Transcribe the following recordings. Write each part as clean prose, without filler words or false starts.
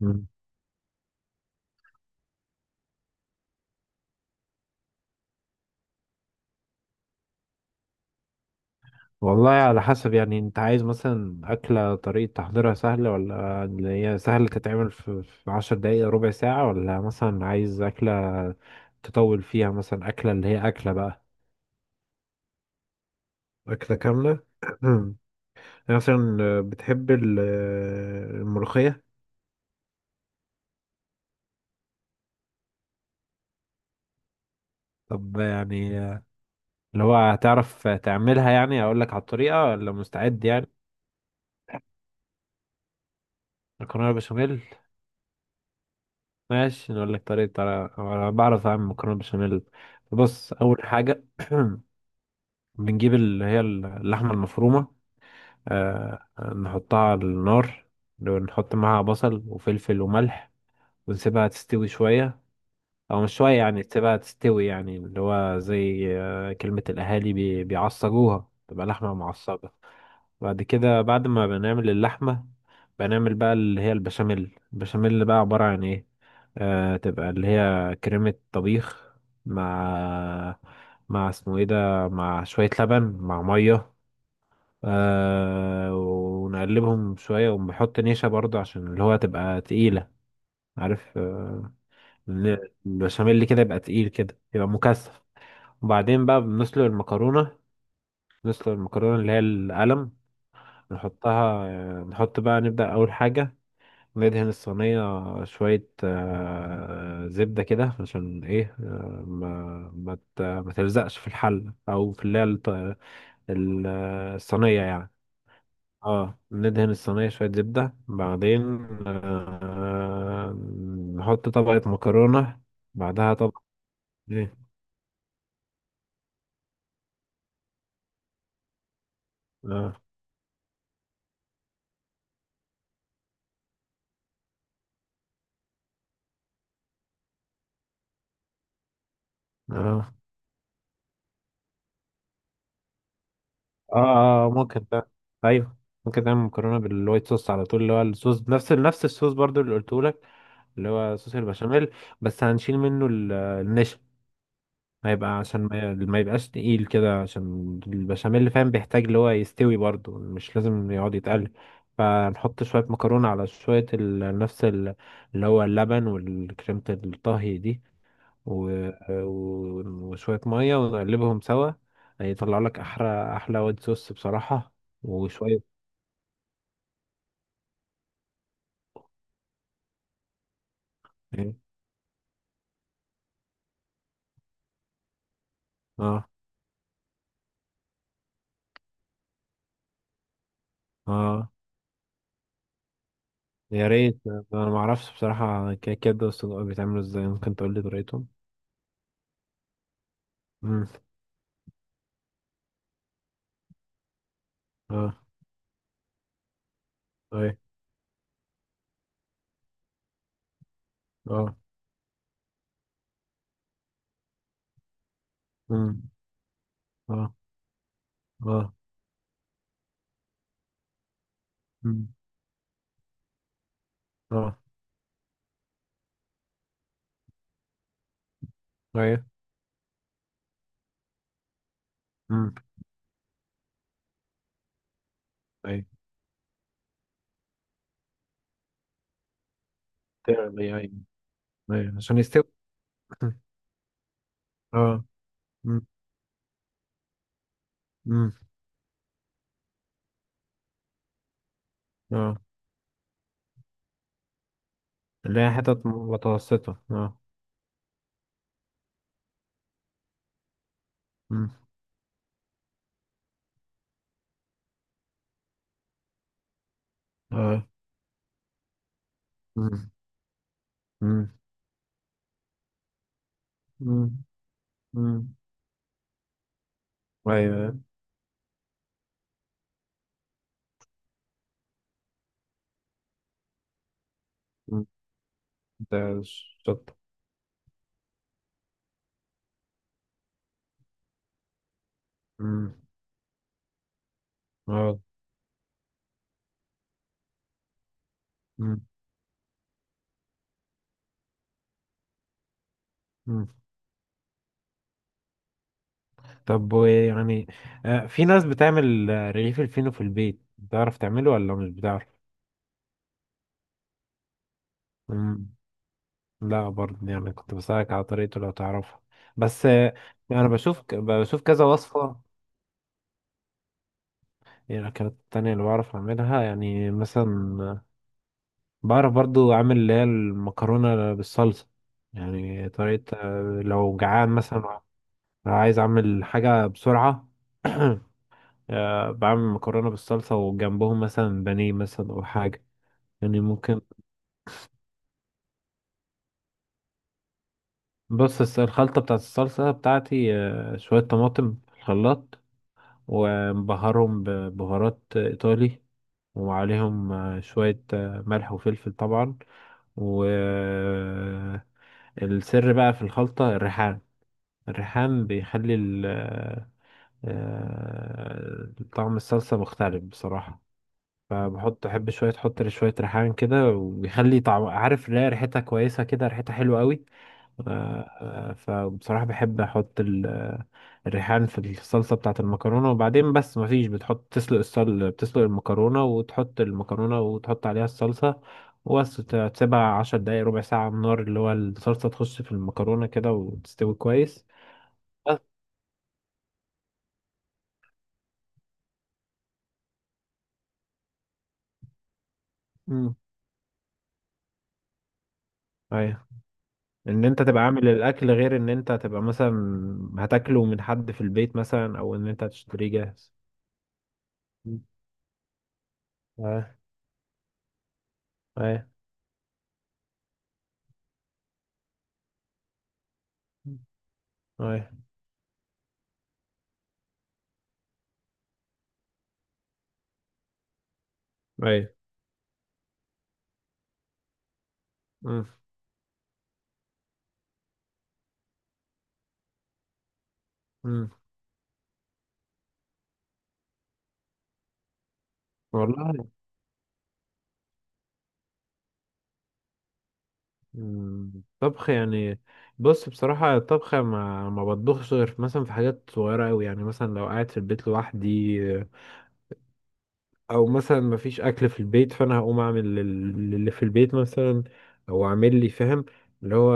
مم. والله على حسب، يعني انت عايز مثلا أكلة طريقة تحضيرها سهلة، ولا اللي هي سهلة تتعمل في 10 دقايق ربع ساعة، ولا مثلا عايز أكلة تطول فيها، مثلا أكلة اللي هي أكلة بقى. أكلة كاملة. يعني مثلا بتحب الملوخية. طب يعني اللي هو هتعرف تعملها، يعني أقول لك على الطريقة ولا مستعد يعني. مكرونة بشاميل. ماشي، نقول لك طريقة، أنا بعرف أعمل مكرونة بشاميل. بص، أول حاجة بنجيب اللي هي اللحمة المفرومة. آه. نحطها على النار، ونحط معاها بصل وفلفل وملح، ونسيبها تستوي شوية. أو مش شوية، يعني تسيبها تستوي، يعني اللي هو زي آه كلمة الأهالي، بيعصجوها، تبقى لحمة معصجة. بعد كده، بعد ما بنعمل اللحمة، بنعمل بقى اللي هي البشاميل. البشاميل اللي بقى عبارة عن ايه؟ آه، تبقى اللي هي كريمة طبيخ، مع، مع اسمه ايه ده، مع شوية لبن مع مية. آه، ونقلبهم شوية، ونحط نشا برضو عشان اللي هو تبقى تقيلة. عارف؟ آه. البشاميل اللي كده يبقى تقيل كده، يبقى مكثف. وبعدين بقى بنسلق المكرونة، نسلق المكرونة اللي هي القلم. نحطها. نحط بقى، نبدأ أول حاجة، ندهن الصينية شوية زبدة، كده عشان إيه ما تلزقش في الحل، أو في اللي هي ال- الصينية يعني. اه، ندهن الصينية شوية زبدة، بعدين آه، نحط طبقة مكرونة، بعدها طبقة. إيه. اه، اه، اه. ممكن ده. أيوه، ممكن تعمل مكرونة بالوايت صوص على طول، اللي هو الصوص نفس الصوص برضو اللي قلته، اللي هو صوص البشاميل، بس هنشيل منه النشا. هيبقى، عشان ما يبقاش تقيل كده، عشان البشاميل اللي فاهم بيحتاج اللي هو يستوي برضه، مش لازم يقعد يتقل. فنحط شوية مكرونة على شوية نفس اللي هو اللبن والكريمة الطهي دي و... وشوية مية، ونقلبهم سوا. هيطلع لك أحلى أحلى وايت صوص بصراحة. وشوية. اه، اه. يا ريت، انا ما اعرفش بصراحه الكيكات ده والسجق بيتعملوا ازاي، ممكن تقول لي طريقتهم. امم، اه، اي، اه، امم، اه، اه، امم، اه، اي، امم، اي، تغلي، اي، اي عشان يستوي. اه. امم، امم، اه. اللي هي حتت متوسطه، اه. امم، اه، امم، امم، امم، امم، ايوه، أيوة. أمم. ده الشطه. امم، اه، امم. طب ويعني في ناس بتعمل رغيف الفينو في البيت، بتعرف تعمله ولا مش بتعرف؟ مم، لا برضه، يعني كنت بسألك على طريقته لو تعرفها، بس انا بشوف بشوف كذا وصفة. يعني الأكلات التانية اللي بعرف أعملها، يعني مثلا بعرف برضو أعمل اللي هي المكرونة بالصلصة. يعني طريقة لو جعان مثلا، عايز أعمل حاجة بسرعة. بعمل مكرونة بالصلصة وجنبهم مثلا بانيه مثلا أو حاجة، يعني ممكن. بص، الخلطة بتاعت الصلصة بتاعتي شوية طماطم في الخلاط، ومبهرهم ببهارات إيطالي، وعليهم شوية ملح وفلفل طبعا. والسر بقى في الخلطة الريحان. الريحان بيخلي طعم الصلصة مختلف بصراحة. فبحط، أحب شوية، أحط شوية ريحان كده، وبيخلي طعم، عارف، لا ريحتها كويسة كده، ريحتها حلوة قوي. فبصراحة بحب أحط الريحان في الصلصة بتاعة المكرونة. وبعدين بس مفيش، بتحط، تسلق الصل، بتسلق المكرونة، وتحط المكرونة، وتحط عليها الصلصة، وبس تسيبها 10 دقايق ربع ساعة على النار، اللي هو الصلصة تخش في المكرونة كده، وتستوي كويس. بس. مم. أيوة. إن أنت تبقى عامل الأكل، غير إن أنت تبقى مثلا هتاكله من حد في البيت مثلا، أو إن أنت هتشتريه جاهز. مم. أيوة. أيوة. أيوة. أيوة. مم. مم. والله، مم، طبخ يعني. بص، بصراحة الطبخ ما بطبخش غير مثلا في حاجات صغيرة أوي، يعني مثلا لو قاعد في البيت لوحدي، أو مثلا ما فيش أكل في البيت، فأنا هقوم أعمل اللي في البيت مثلا، أو أعمل لي، فاهم، اللي هو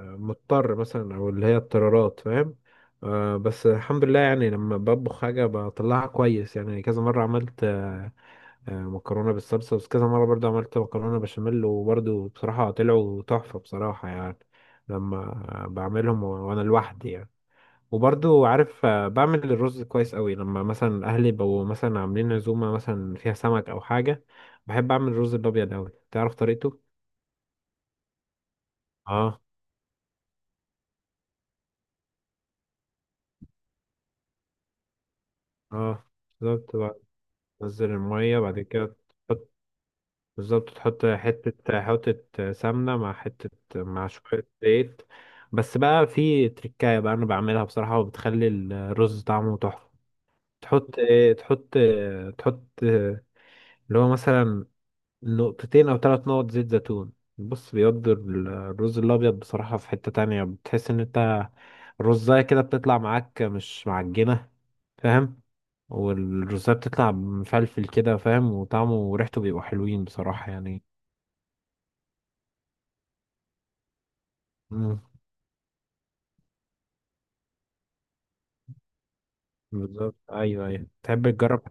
مضطر مثلا، أو اللي هي اضطرارات فاهم. بس الحمد لله يعني، لما بطبخ حاجة بطلعها كويس يعني. كذا مرة عملت مكرونه بالصلصه، بس كذا مره برضو عملت مكرونه بشاميل، وبرضو بصراحه طلعوا تحفه بصراحه، يعني لما وانا لوحدي يعني. وبرضو عارف بعمل الرز كويس قوي، لما مثلا اهلي بقوا مثلا عاملين عزومه مثلا فيها سمك او حاجه، بحب اعمل الرز الابيض قوي. تعرف طريقته؟ اه، اه، بالظبط بقى. تنزل الميه، بعد كده بالظبط، تحط حتة، حتة سمنة، مع حتة، مع شوية زيت. بس بقى في تركاية بقى أنا بعملها بصراحة، وبتخلي الرز طعمه تحفة. تحط إيه؟ تحط اللي هو مثلا نقطتين أو 3 نقط زيت زيتون. بص، بيودي الرز الأبيض بصراحة في حتة تانية، بتحس إن أنت الرزاية كده بتطلع معاك مش معجنة، فاهم. والرزاية بتطلع مفلفل كده فاهم، وطعمه وريحته بيبقوا حلوين بصراحة يعني. بالظبط. ايوه، ايوه. تحب تجرب؟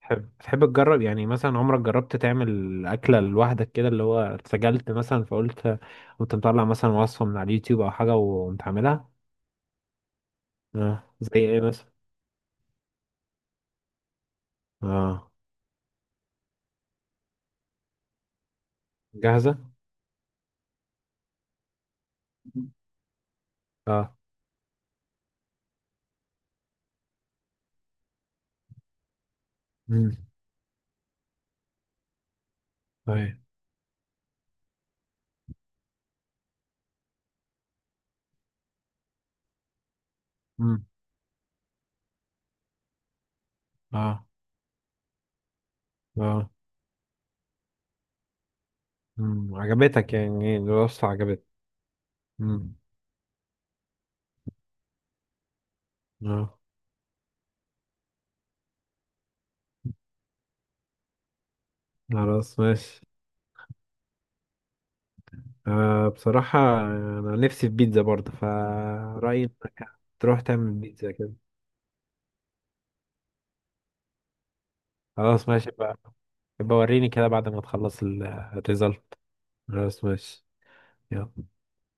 تحب تجرب، يعني مثلا عمرك جربت تعمل اكله لوحدك كده، اللي هو اتسجلت مثلا، فقلت كنت مطلع مثلا وصفه من على اليوتيوب او حاجه وقمت عاملها. اه، زي ايه مثلا؟ اه، جاهزه. اه، امم، طيب، امم، اه، اه، امم، عجبتك يعني، الوصفه عجبتك. امم، اه، خلاص ماشي. آه بصراحه انا نفسي في بيتزا برضه، فرأيي انك تروح تعمل بيتزا كده. خلاص ماشي بقى، يبقى وريني كده بعد ما تخلص الريزلت. خلاص ماشي. يلا.